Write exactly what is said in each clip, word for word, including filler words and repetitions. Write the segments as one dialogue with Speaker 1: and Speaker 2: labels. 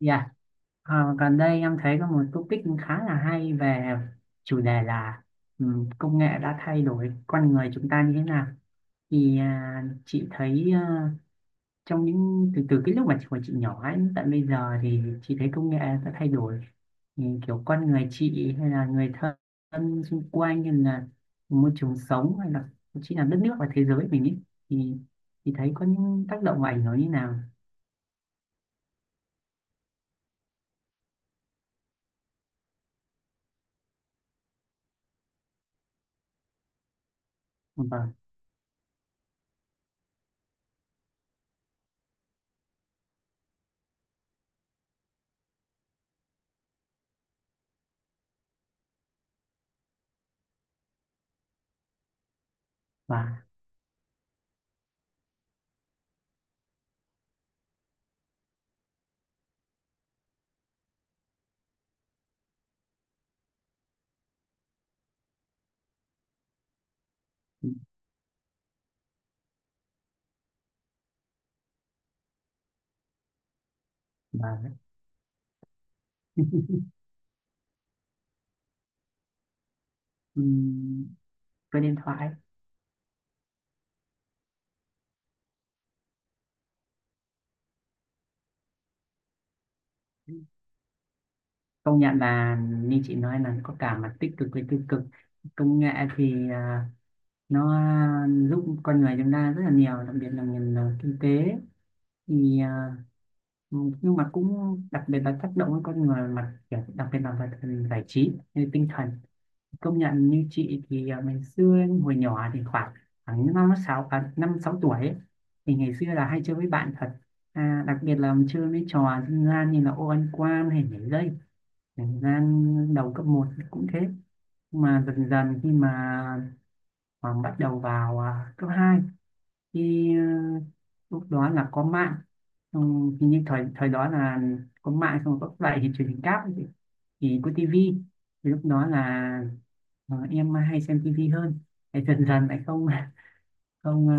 Speaker 1: Dạ, ờ, gần đây em thấy có một topic khá là hay về chủ đề là ừ, công nghệ đã thay đổi con người chúng ta như thế nào. Thì à, chị thấy à, trong những từ từ cái lúc mà chị còn chị nhỏ ấy, tận bây giờ thì chị thấy công nghệ đã thay đổi. Ừ, kiểu con người chị hay là người thân xung quanh hay là môi trường sống hay là thậm chí là đất nước và thế giới mình ấy, thì thì thấy có những tác động và ảnh hưởng như nào. Vâng, và và Ừm, với điện thoại. Công nhận là, như chị nói là có cả mặt tích cực với tiêu cực. Công nghệ thì à, nó giúp con người chúng ta rất là nhiều, đặc biệt là ngành à, kinh tế. Thì à, ừ, nhưng mà cũng đặc biệt là tác động đến con người mặt kiểu, đặc biệt là về phần giải trí như tinh thần. Công nhận, như chị thì à, ngày xưa hồi nhỏ thì khoảng khoảng năm sáu à, năm sáu tuổi ấy, thì ngày xưa là hay chơi với bạn thật, à, đặc biệt là chơi mấy trò dân gian như là ô ăn quan hay nhảy dây. Thời gian đầu cấp một cũng thế, nhưng mà dần dần khi mà và bắt đầu vào à, cấp hai thì ờ, lúc đó là có mạng, xong hình như thời thời đó là có mạng, xong rồi có lại thì truyền hình cáp ấy, thì có tivi. Thì lúc đó là ờ, em hay xem tivi hơn, thì dần dần lại không không ờ,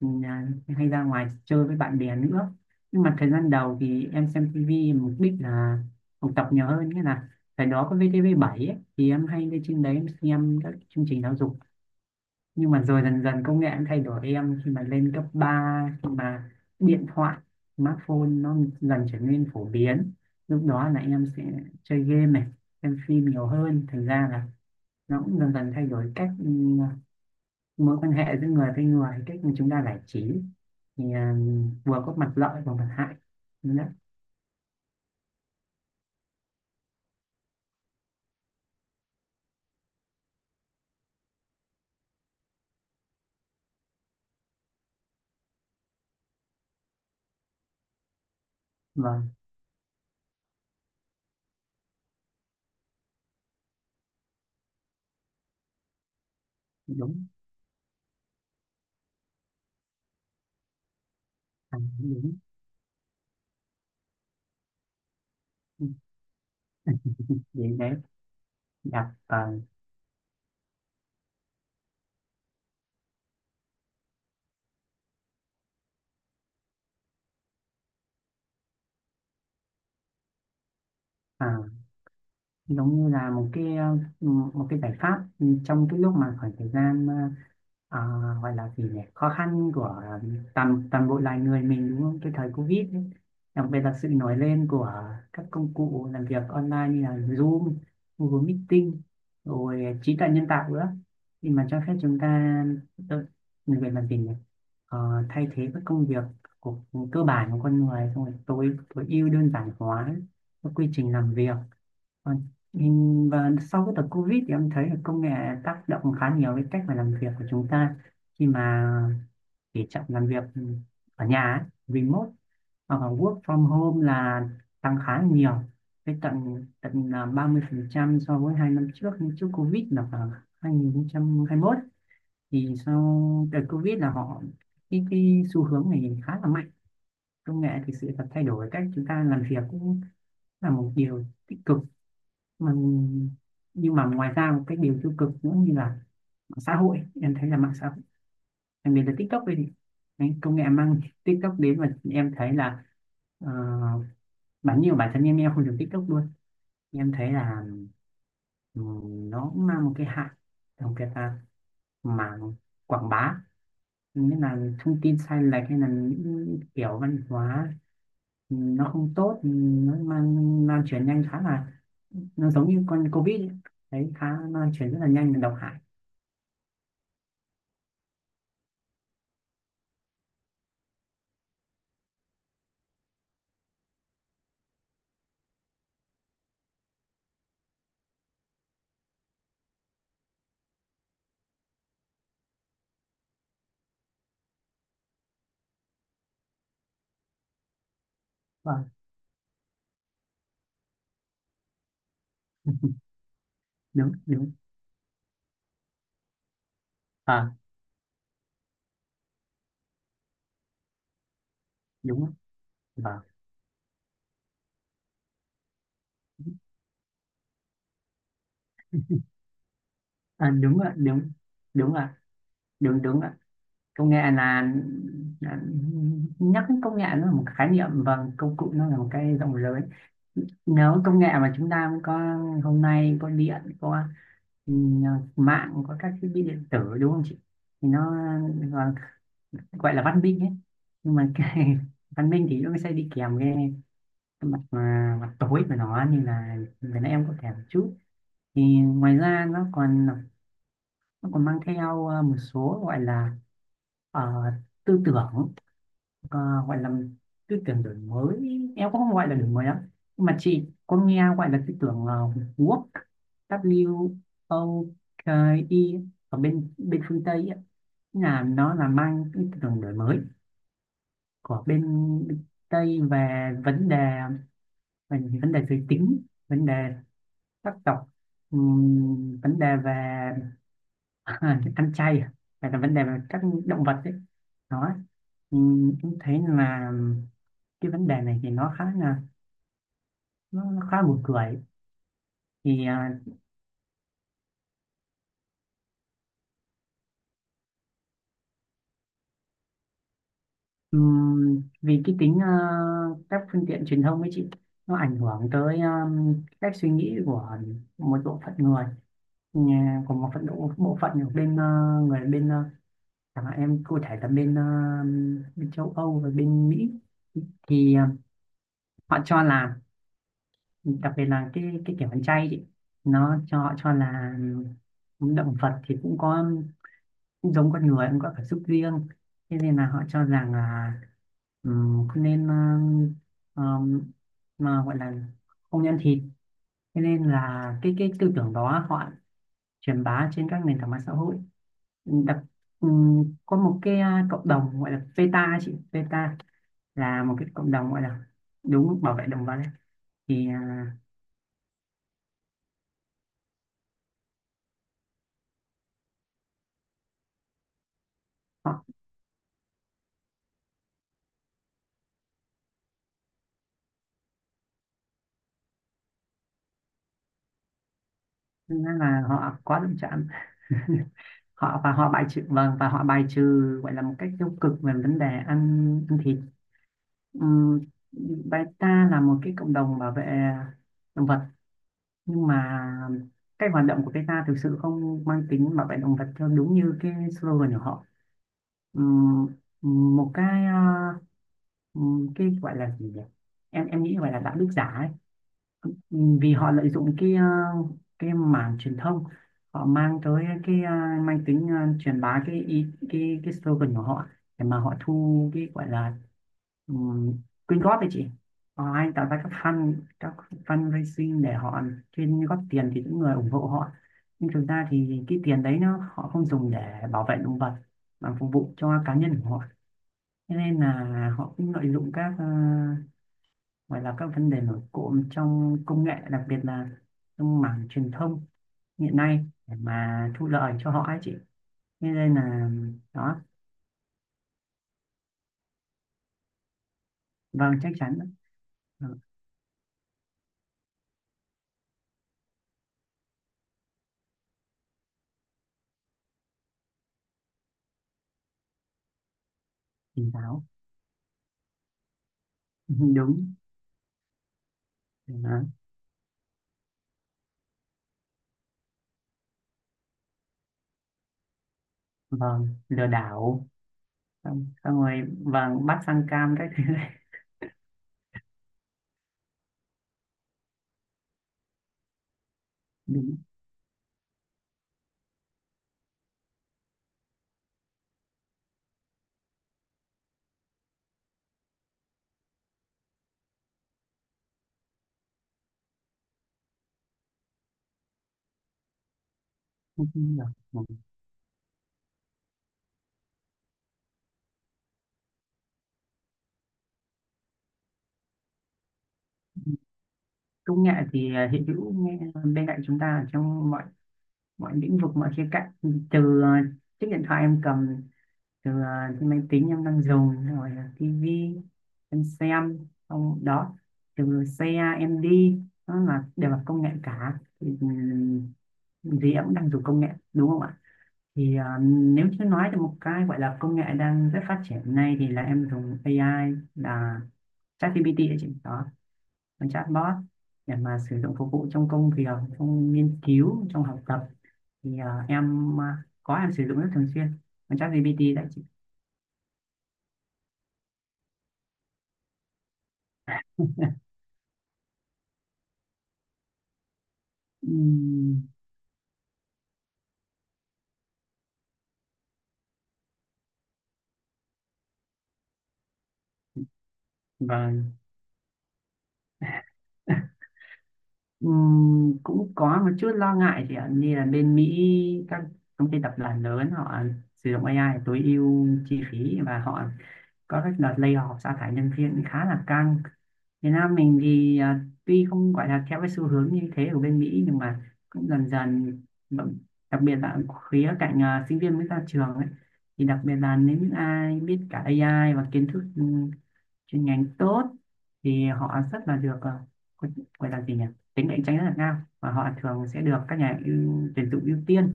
Speaker 1: nhà- hay ra ngoài chơi với bạn bè nữa. Nhưng mà thời gian đầu thì em xem tivi mục đích là học tập nhiều hơn, nghĩa là thời đó có vê tê vê bảy ấy, thì em hay lên trên đấy, em xem các chương trình giáo dục. Nhưng mà rồi dần dần công nghệ cũng thay đổi em, khi mà lên cấp ba, khi mà điện thoại smartphone nó dần trở nên phổ biến, lúc đó là em sẽ chơi game này, xem phim nhiều hơn, thành ra là nó cũng dần dần thay đổi cách, ừ, mối quan hệ giữa người với người, cách mà chúng ta giải trí. Thì ừ, vừa có mặt lợi và mặt hại. Đúng đấy, vâng. Đúng, à, đúng. Vậy đấy. đặt vào à, Giống như là một cái ờ, một cái giải pháp, trong cái lúc mà khoảng thời gian, ờ, ờ, gọi là gì nhỉ, khó khăn của toàn toàn bộ loài người mình, đúng không, cái thời Covid ấy. Đặc biệt là sự nổi lên của các công cụ làm việc online như là Zoom, Google Meeting, rồi trí tuệ nhân tạo nữa, thì mà cho phép chúng ta, tự- người làm gì nhỉ, Ờ, thay thế các công việc của, cơ bản của con người, xong rồi tối tối ưu, đơn giản hóa các quy trình làm việc. Vâng. Nhìn và sau cái đợt Covid thì em thấy là công nghệ tác động khá nhiều đến cách mà làm việc của chúng ta, khi mà tỉ trọng làm việc ở nhà ấy, remote hoặc là work from home, là tăng khá nhiều, với tận tận là ba mươi phần trăm so với hai năm trước. Nhưng trước Covid là khoảng hai nghìn không trăm hai mươi mốt, thì sau đợt Covid là họ cái, cái xu hướng này khá là mạnh. Công nghệ thực sự là thay đổi cách chúng ta làm việc, cũng là một điều tích cực. Ừm, nhưng mà ngoài ra một cái điều tiêu cực nữa, như là mạng xã hội. Em thấy là mạng xã hội, đặc biệt là TikTok ấy, thì cái công nghệ mang TikTok đến, và em thấy là, ờ, bản nhiều bản thân em em không dùng TikTok luôn. Em thấy là ừm, nó cũng mang một cái hại, đặc cái ta mảng quảng bá, nghĩa là thông tin sai lệch hay là những kiểu văn hóa ừ, nó không tốt, ừ, nó mang lan truyền nhanh khá là, nó giống như con Covid ấy. Đấy, khá lan truyền rất là nhanh và độc hại. Vâng. Đúng, đúng, à đúng ạ. Vâng, à, đúng ạ. Đúng, đúng ạ. Đúng, đúng ạ. Công nghệ là, là nhắc đến công nghệ, nó là một khái niệm và công cụ, nó là một cái rộng lớn. Nếu công nghệ mà chúng ta có hôm nay, có điện, có ừ, mạng, có các thiết bị điện tử, đúng không chị, thì nó gọi gọi là văn minh ấy. Nhưng mà cái văn minh thì nó sẽ đi kèm cái mặt mà mặt tối của nó, như là vừa nãy em có kể một chút. Thì ngoài ra nó còn, nó còn mang theo à, một số, gọi là ờ, tư tưởng, ờ, gọi là tư tưởng đổi mới. Em cũng không gọi là đổi mới lắm, nhưng mà chị có nghe gọi là tư tưởng, uh, Woke. vê kép o ca e. Ở bên bên phương Tây ấy, là nó là mang cái tư tưởng đổi mới của bên Tây về vấn đề, về vấn đề giới tính, vấn đề sắc tộc, ừm, vấn đề về à, ăn chay à? Hay là vấn đề về các động vật ấy, đó. Ừm, em thấy là cái vấn đề này thì nó khá là nó khá buồn cười. Thì à, vì cái tính à, các phương tiện truyền thông ấy chị, nó ảnh hưởng tới à, cách suy nghĩ của một bộ phận người, nhà- của một phận bộ, bộ phận ở bên à, người bên à, chẳng hạn em cụ thể là bên, à, bên châu Âu và bên Mỹ. Thì à, họ cho là, đặc biệt là cái cái kiểu ăn chay chị, nó cho họ cho là động vật thì cũng có, cũng giống con người, cũng có cảm xúc riêng. Thế nên là họ cho rằng là ừm, không nên, ờ, ờm, mà gọi là không ăn thịt. Thế nên là cái cái tư tưởng đó họ truyền bá trên các nền tảng mạng xã hội. Đặc ừm, có một cái à, cộng đồng gọi là PETA chị, PETA là một cái cộng đồng, gọi là, đúng, bảo vệ động vật ấy. Thì à, họ, thực ra là họ quá động chạm. Họ, và họ bài trừ, vâng, và họ bài trừ, gọi là một cách tiêu cực về vấn đề ăn, ăn thịt. Ừm, Beta là một cái cộng đồng bảo vệ động vật, nhưng mà cách hoạt động của beta thực sự không mang tính bảo vệ động vật theo đúng như cái slogan của họ. Ừm, Một cái, ờ, ừm, cái gọi là gì nhỉ, em em nghĩ gọi là đạo đức giả ấy. Ừ, vì họ lợi dụng cái, ờ, cái mảng truyền thông, họ mang tới cái, ờ, mang tính, ờ, truyền bá cái ý cái cái slogan của họ, để mà họ thu cái, gọi là um, quyên góp đấy chị. Họ hay tạo ra các fund, các fundraising để họ chuyên góp tiền thì những người ủng hộ họ. Nhưng thực ra thì cái tiền đấy nó họ không dùng để bảo vệ động vật mà phục vụ cho cá nhân của họ. Thế nên là họ cũng lợi dụng các, ờ, gọi là các vấn đề nổi cộm trong công nghệ, đặc biệt là trong mảng truyền thông hiện nay, để mà thu lợi cho họ ấy chị, thế nên là đó. Vâng, chắc chắn. Ừ, tỉnh táo. Đúng. Đó. Vâng, lừa đảo. Xong, xong rồi vâng, bắt sang cam các thứ này. Đúng. Không tin được. Vâng. Công nghệ thì ờ, hiện hữu nghe bên cạnh chúng ta, ở trong mọi mọi lĩnh vực, mọi khía cạnh. Từ ờ, chiếc điện thoại em cầm, từ ờ, cái máy tính em đang dùng, rồi là tivi em xem xong đó, từ xe em đi, nó là đều là công nghệ cả. Thì ừm, gì em cũng đang dùng công nghệ, đúng không ạ. Thì ờ, nếu như nói được một cái gọi là công nghệ đang rất phát triển nay, thì là em dùng a i, là ChatGPT đấy chị, đó, con chatbot, để mà sử dụng phục vụ trong công việc, trong nghiên cứu, trong học tập. Thì ờ, em, ờ, có em sử dụng rất thường xuyên con ChatGPT đấy. Ừm, vâng. Ừm, cũng có một chút lo ngại chị ạ, như là bên Mỹ các công ty tập đoàn lớn họ sử dụng a i tối ưu chi phí và họ có các đợt layoff sa thải nhân viên khá là căng. Việt Nam mình thì à, tuy không gọi là theo cái xu hướng như thế của bên Mỹ, nhưng mà cũng dần dần vẫn- đặc biệt là khía cạnh à, sinh viên mới ra trường ấy, thì đặc biệt là nếu những ai biết cả a i và kiến thức ừ, chuyên ngành tốt, thì họ rất là được, à, gọi gọi là gì nhỉ, tính cạnh tranh rất là cao, và họ thường sẽ được các nhà ưu, tuyển dụng ưu tiên.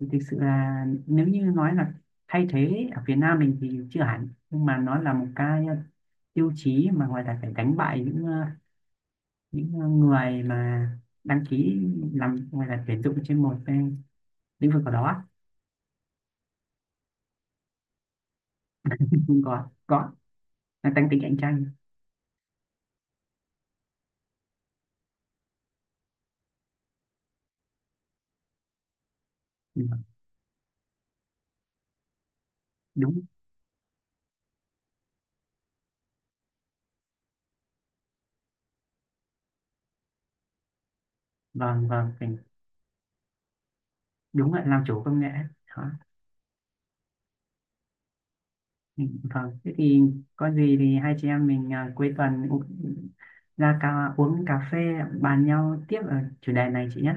Speaker 1: Thì thực sự là nếu như nói là thay thế ở Việt Nam mình thì chưa hẳn, nhưng mà nó là một cái tiêu chí mà ngoài là phải đánh bại những, ờ, những ờ, người mà đăng ký làm ngoài là tuyển dụng trên một cái lĩnh vực nào đó. có có là tăng tính cạnh tranh. Ừ, đúng. Vâng, vâng. Đúng là làm chủ công nghệ. Đó. Ừ, vâng, thế thì có gì thì hai chị em mình à, cuối tuần, u- ra cà, uống cà phê, bàn nhau tiếp ở chủ đề này chị nhé.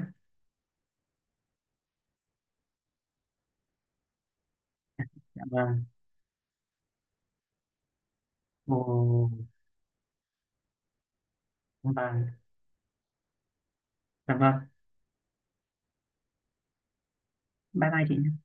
Speaker 1: Dạ vâng. Ồ, vâng. Dạ vâng. Bye bye chị nhé.